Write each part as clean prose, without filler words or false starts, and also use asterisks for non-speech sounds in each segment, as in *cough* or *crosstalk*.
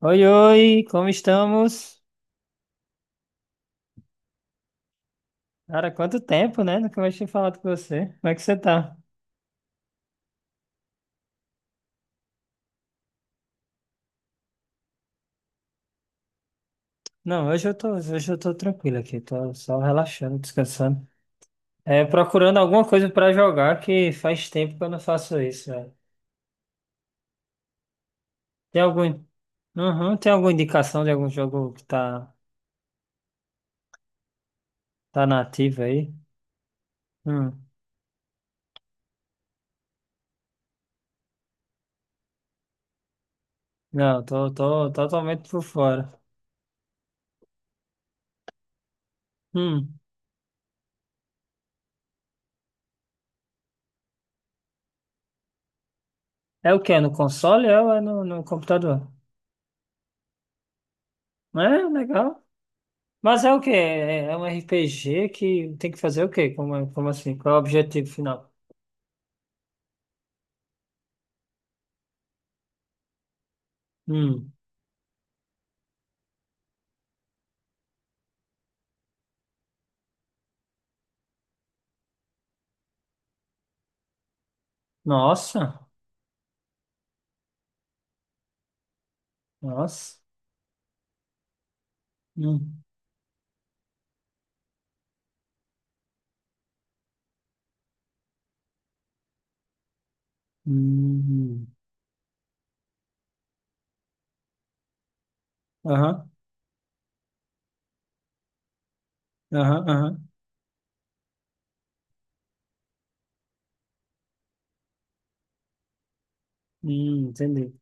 Oi, oi, como estamos? Cara, quanto tempo, né? Nunca mais tinha falado com você. Como é que você tá? Não, hoje eu tô tranquilo aqui, tô só relaxando, descansando. É, procurando alguma coisa pra jogar que faz tempo que eu não faço isso, velho. Tem algum, uhum, tem alguma indicação de algum jogo que tá na ativa aí? Hum, não, tô totalmente por fora. Hum, É o quê? É no console, ou é no computador? É, legal. Mas é o quê? É um RPG que tem que fazer o quê? Como assim? Qual é o objetivo final? Hum. Nossa, nossa. Hum. Hum. Aham, aham, aham. Entendi.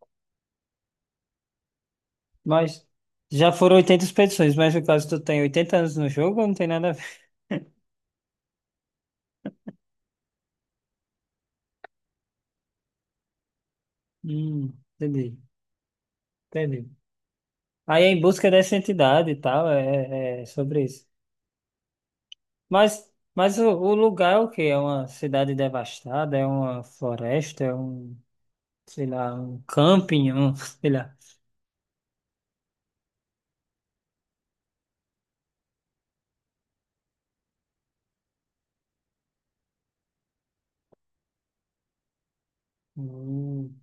Mas já foram 80 expedições, mas no caso tu tem 80 anos no jogo, não tem nada a ver. *laughs* Hum, Entendi, entendi. Aí é em busca dessa entidade e tal, é sobre isso. Mas o lugar é o quê? É uma cidade devastada? É uma floresta? Sei lá, um camping, sei lá. Hum.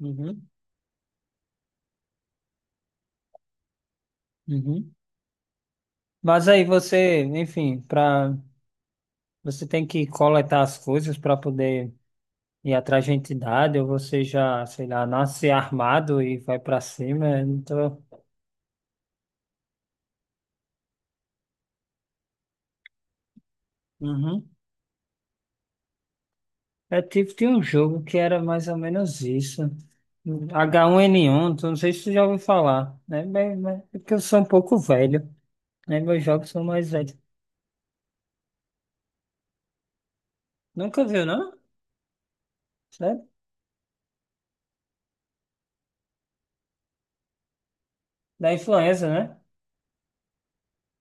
Uhum, uhum. Mas aí você, enfim, para, você tem que coletar as coisas para poder ir atrás de entidade. Ou você já, sei lá, nasce armado e vai para cima. Então, uhum. É tipo de um jogo que era mais ou menos isso. H1N1, tu não sei se tu já ouviu falar, né? Mas é porque eu sou um pouco velho, né? Meus jogos são mais velhos. Nunca viu, não? Sério? Da influenza, né?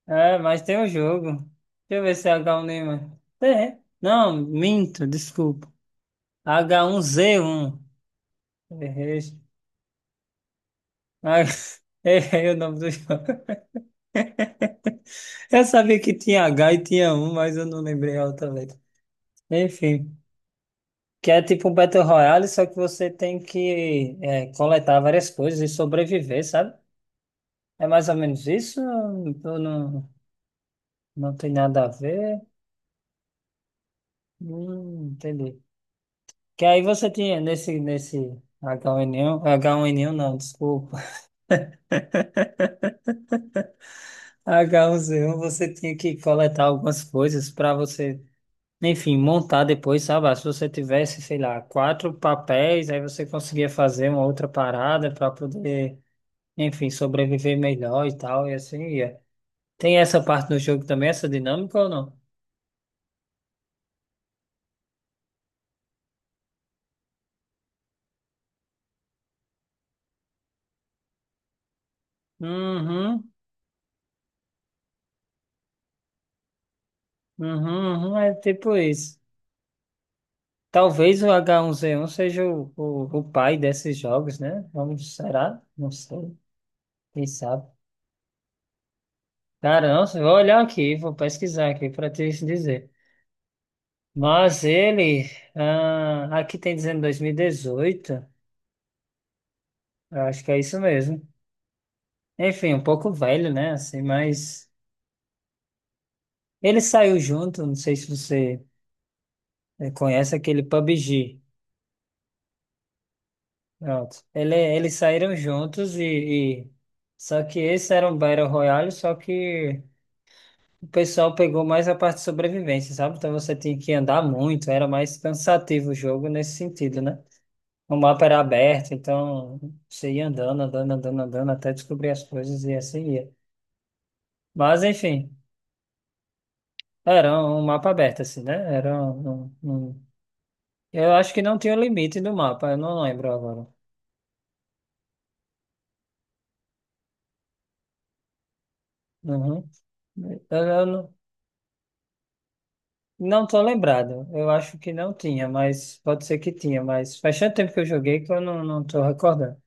É, mas tem o jogo. Deixa eu ver se é h 1 Neymar. 1. É. Não, minto, desculpa. H1Z1. Errei. Ah, *laughs* errei o nome do jogo. Eu sabia que tinha H e tinha um, mas eu não lembrei a outra letra. Enfim, que é tipo um Battle Royale, só que você tem que coletar várias coisas e sobreviver, sabe? É mais ou menos isso? Ou não, não tem nada a ver? Entendi. Que aí você tinha nesse H1N1, H1N1 não, desculpa, *laughs* H1Z1, você tinha que coletar algumas coisas para você, enfim, montar depois, sabe? Ah, se você tivesse, sei lá, quatro papéis, aí você conseguia fazer uma outra parada para poder, enfim, sobreviver melhor e tal, e assim ia. Tem essa parte do jogo também, essa dinâmica ou não? Uhum, uhum, uhum, é tipo isso. Talvez o H1Z1 seja o pai desses jogos, né? Vamos, será? Não sei. Quem sabe? Caramba, vou olhar aqui, vou pesquisar aqui para te dizer. Mas ele, ah, aqui tem dizendo 2018, eu acho que é isso mesmo. Enfim, um pouco velho, né? Assim, mas ele saiu junto, não sei se você conhece aquele PUBG. Pronto. Eles saíram juntos. Só que esse era um Battle Royale, só que. O pessoal pegou mais a parte de sobrevivência, sabe? Então você tinha que andar muito, era mais cansativo o jogo nesse sentido, né? O mapa era aberto, então você ia andando, andando, andando, andando, até descobrir as coisas e assim ia. Mas enfim, era um mapa aberto, assim, né? Era um, um- um- Eu acho que não tinha limite do mapa, eu não lembro agora. Uhum. Eu, eu não tô lembrado, eu acho que não tinha, mas pode ser que tinha, mas faz tanto tempo que eu joguei que eu não tô recordando.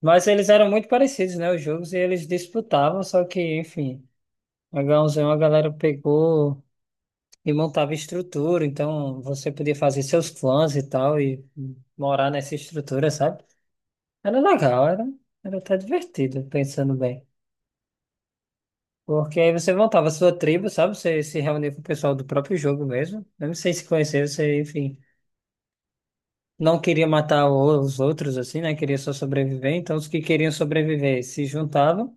Mas eles eram muito parecidos, né? Os jogos e eles disputavam, só que, enfim, H1Z1 a galera pegou e montava estrutura, então você podia fazer seus clãs e tal, e morar nessa estrutura, sabe? Era legal, era até divertido, pensando bem. Porque aí você montava a sua tribo, sabe? Você se reunia com o pessoal do próprio jogo mesmo. Mesmo sem se conhecer, você, enfim, não queria matar os outros, assim, né? Queria só sobreviver. Então, os que queriam sobreviver se juntavam.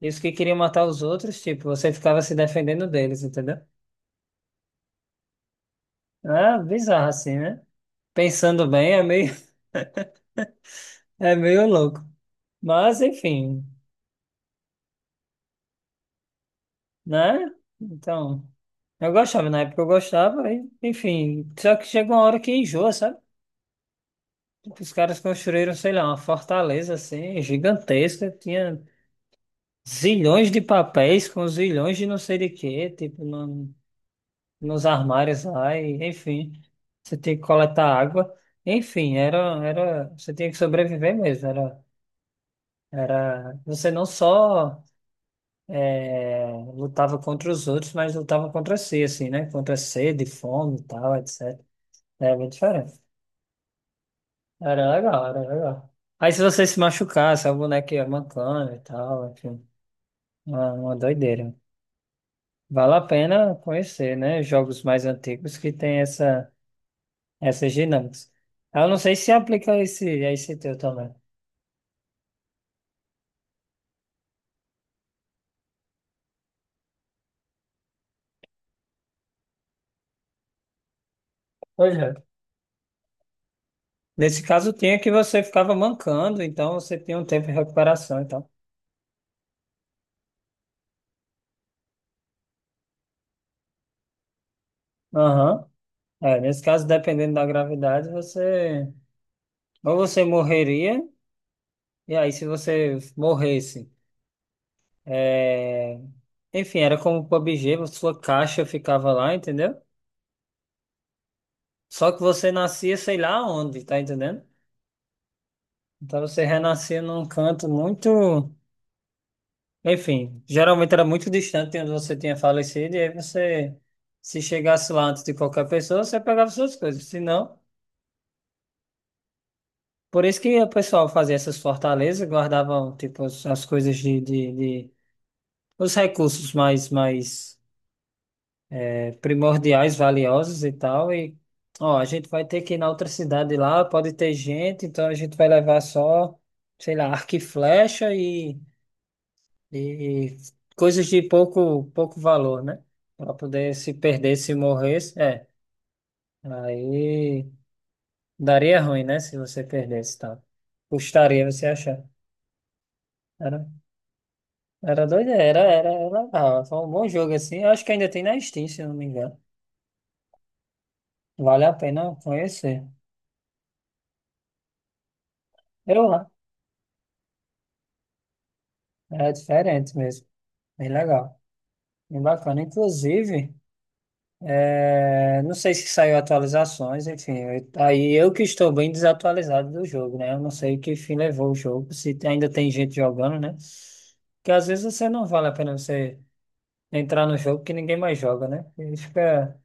Isso que queriam matar os outros, tipo, você ficava se defendendo deles, entendeu? É bizarro assim, né? Pensando bem, *laughs* é meio louco. Mas, enfim, né? Então, eu gostava, na época eu gostava, e, enfim. Só que chega uma hora que enjoa, sabe? Tipo, os caras construíram, sei lá, uma fortaleza assim, gigantesca, tinha zilhões de papéis com zilhões de não sei de quê, tipo, não. Nos armários lá, e, enfim, você tinha que coletar água. Enfim, era, você tinha que sobreviver mesmo. Era, você não só é, lutava contra os outros, mas lutava contra si, assim, né? Contra a sede, fome e tal, etc. Era bem diferente. Era legal, era legal. Aí se você se machucasse, a boneca ia mancando e tal, enfim, uma doideira. Vale a pena conhecer, né? Jogos mais antigos que tem essas dinâmicas. Eu não sei se aplica esse teu também. Pois é. Nesse caso, tinha que você ficava mancando, então você tinha um tempo de recuperação, então. Aham. É, nesse caso, dependendo da gravidade, você... Ou você morreria, e aí se você morresse... é, Enfim, era como o PUBG, sua caixa ficava lá, entendeu? Só que você nascia sei lá onde, tá entendendo? Então você renascia num canto muito... Enfim, geralmente era muito distante de onde você tinha falecido, e aí você, se chegasse lá antes de qualquer pessoa, você pegava suas coisas. Se não, por isso que o pessoal fazia essas fortalezas, guardavam, tipo, as coisas de os recursos mais primordiais, valiosos e tal, e, ó, a gente vai ter que ir na outra cidade lá, pode ter gente, então a gente vai levar só, sei lá, arco e flecha e coisas de pouco, pouco valor, né? Para poder se perder, se morresse, é. Aí daria ruim, né? Se você perdesse, tá? Custaria você achar. Era, era doido, era legal. Foi um bom jogo assim. Eu acho que ainda tem na Steam, se eu não me engano. Vale a pena conhecer. Eu lá. É diferente mesmo. Bem legal. Bem bacana. Inclusive. É, não sei se saiu atualizações, enfim. Aí eu que estou bem desatualizado do jogo, né? Eu não sei que fim levou o jogo, se ainda tem gente jogando, né? Porque às vezes você não vale a pena você entrar no jogo que ninguém mais joga, né? Ele fica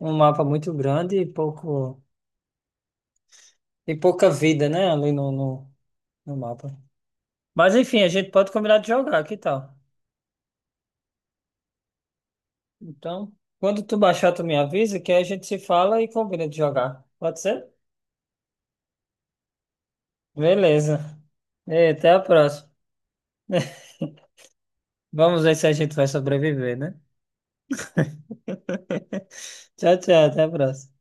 um mapa muito grande e pouco e pouca vida, né? Ali no mapa. Mas enfim, a gente pode combinar de jogar, que tal? Então, quando tu baixar, tu me avisa que aí a gente se fala e combina de jogar. Pode ser? Beleza. E até a próxima. *laughs* Vamos ver se a gente vai sobreviver, né? *laughs* Tchau, tchau, até a próxima.